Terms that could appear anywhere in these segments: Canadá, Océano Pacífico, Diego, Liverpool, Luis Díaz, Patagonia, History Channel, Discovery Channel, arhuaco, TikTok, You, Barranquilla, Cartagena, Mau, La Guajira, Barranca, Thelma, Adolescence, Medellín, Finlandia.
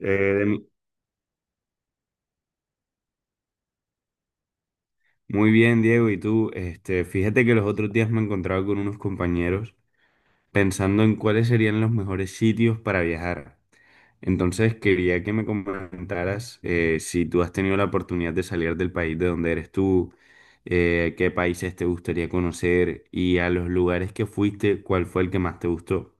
Eh, Muy bien, Diego, ¿y tú? Fíjate que los otros días me encontraba con unos compañeros pensando en cuáles serían los mejores sitios para viajar. Entonces quería que me comentaras, si tú has tenido la oportunidad de salir del país de donde eres tú, qué países te gustaría conocer y, a los lugares que fuiste, cuál fue el que más te gustó.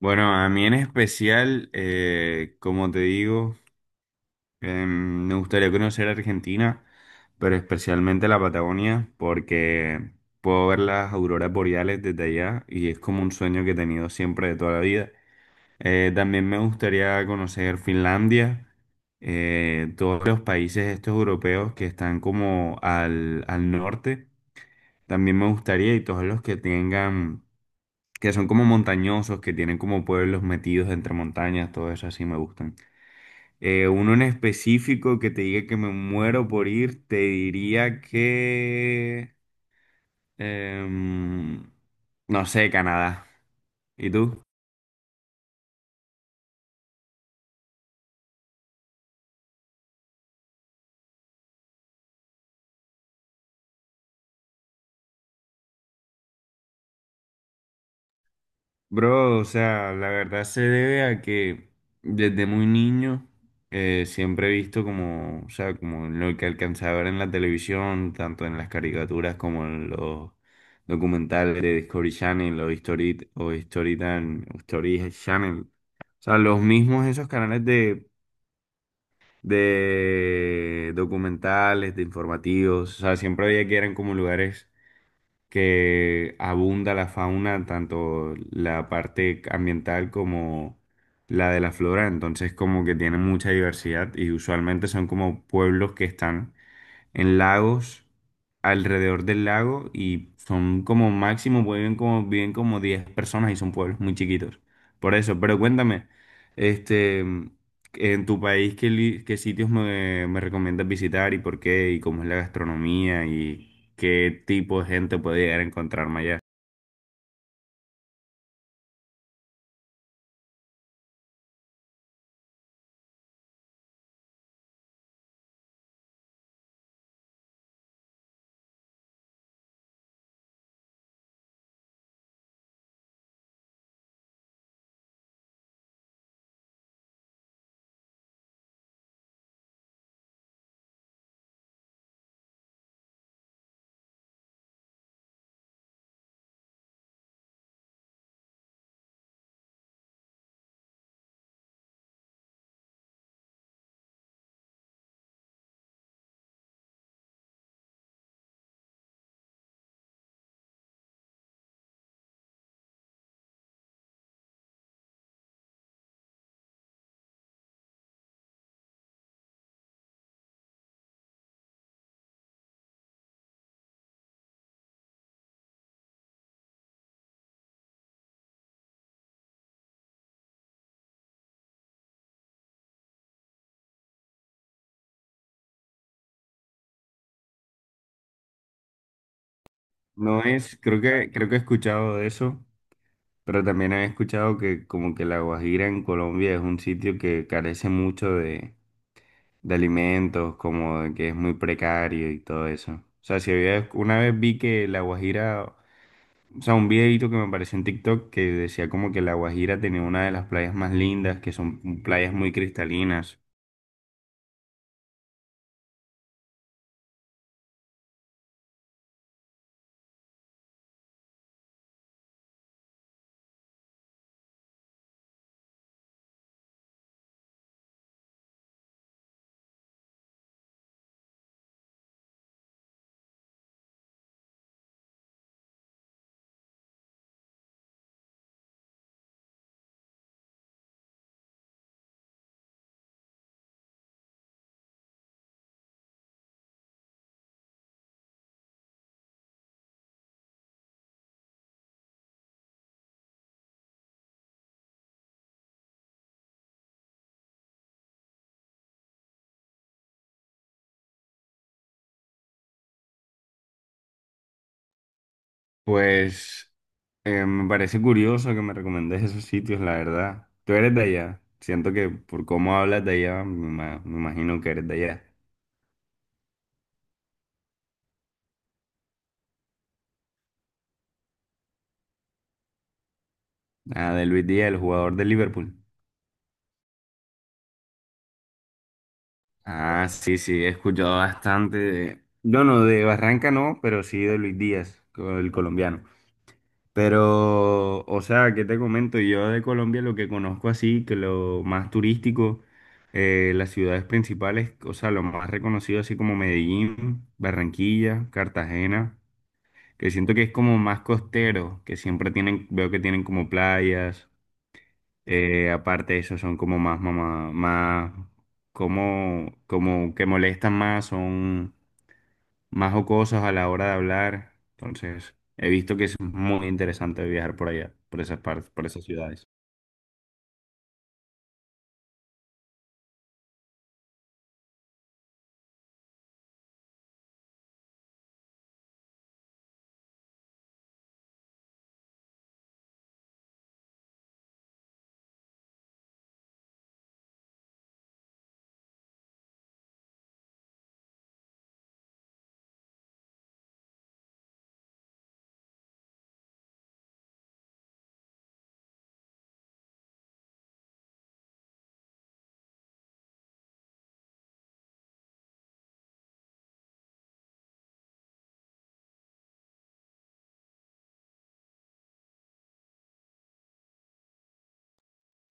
Bueno, a mí en especial, como te digo, me gustaría conocer Argentina, pero especialmente la Patagonia, porque puedo ver las auroras boreales desde allá y es como un sueño que he tenido siempre de toda la vida. También me gustaría conocer Finlandia, todos los países estos europeos que están como al norte. También me gustaría, y todos los que tengan, que son como montañosos, que tienen como pueblos metidos entre montañas, todo eso así me gustan. Uno en específico que te diga que me muero por ir, te diría que em, no sé, Canadá. ¿Y tú? Bro, o sea, la verdad se debe a que desde muy niño, siempre he visto como, o sea, como lo que alcanzaba a ver en la televisión, tanto en las caricaturas como en los documentales de Discovery Channel o History Channel. O sea, los mismos esos canales de documentales, de informativos, o sea, siempre había que eran como lugares que abunda la fauna, tanto la parte ambiental como la de la flora. Entonces como que tienen mucha diversidad y usualmente son como pueblos que están en lagos, alrededor del lago, y son como máximo, viven como 10 personas, y son pueblos muy chiquitos. Por eso. Pero cuéntame, este, en tu país, ¿ qué sitios me recomiendas visitar y por qué? ¿Y cómo es la gastronomía? ¿Y qué tipo de gente puede llegar a encontrarme allá? No es, creo que he escuchado de eso, pero también he escuchado que, como que La Guajira en Colombia es un sitio que carece mucho de alimentos, como de que es muy precario y todo eso. O sea, si había, una vez vi que La Guajira, o sea, un videito que me apareció en TikTok que decía como que La Guajira tenía una de las playas más lindas, que son playas muy cristalinas. Pues me parece curioso que me recomendes esos sitios, la verdad. Tú eres de allá. Siento que por cómo hablas de allá, me imagino que eres de allá. Ah, de Luis Díaz, el jugador de Liverpool. Ah, sí, sí, he escuchado bastante de, bueno, de Barranca no, pero sí de Luis Díaz, el colombiano. Pero, o sea, ¿qué te comento? Yo, de Colombia, lo que conozco así, que lo más turístico, las ciudades principales, o sea, lo más reconocido, así como Medellín, Barranquilla, Cartagena, que siento que es como más costero, que siempre tienen, veo que tienen como playas. Eh, aparte de eso, son como más, mamá, más, como, como que molestan más, son más jocosos a la hora de hablar. Entonces, he visto que es muy interesante viajar por allá, por esas partes, por esas ciudades.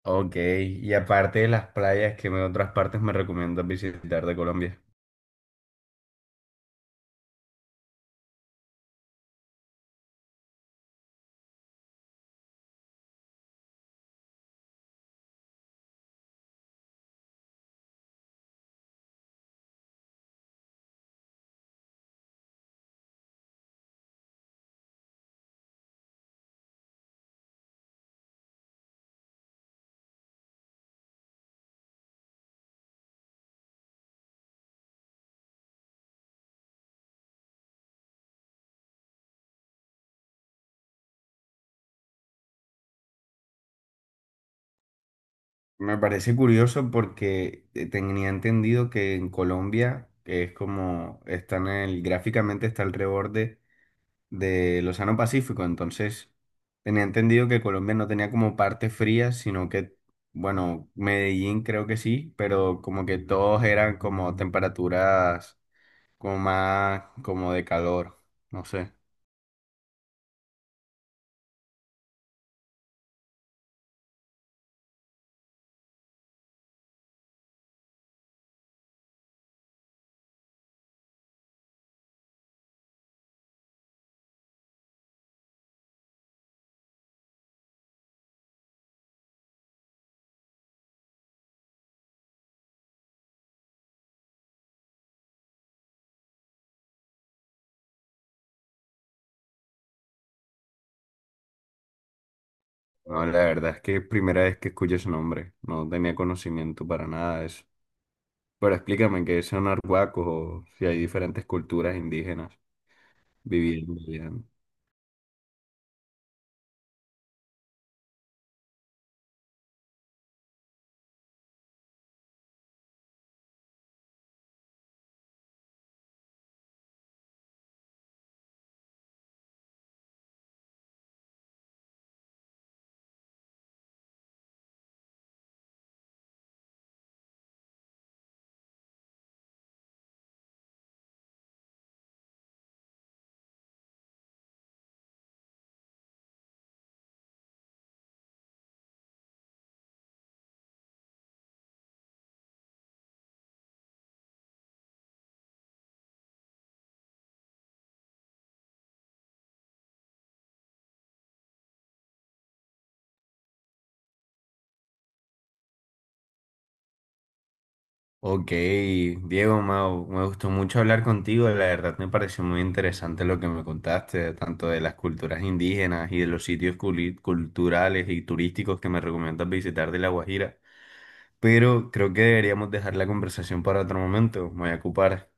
Ok, y aparte de las playas, ¿ otras partes me recomiendas visitar de Colombia? Me parece curioso porque, tenía entendido que en Colombia, que es como, están en el, gráficamente, está alrededor del Océano Pacífico. Entonces, tenía entendido que Colombia no tenía como parte fría, sino que, bueno, Medellín creo que sí, pero como que todos eran como temperaturas, como más como de calor, no sé. No, la verdad es que es primera vez que escucho ese nombre, no tenía conocimiento para nada de eso. Pero explícame qué son arhuacos, o si hay diferentes culturas indígenas viviendo allá. Ok, Diego, Mau, me gustó mucho hablar contigo. La verdad, me pareció muy interesante lo que me contaste, tanto de las culturas indígenas y de los sitios culturales y turísticos que me recomiendas visitar de La Guajira. Pero creo que deberíamos dejar la conversación para otro momento. Me voy a ocupar.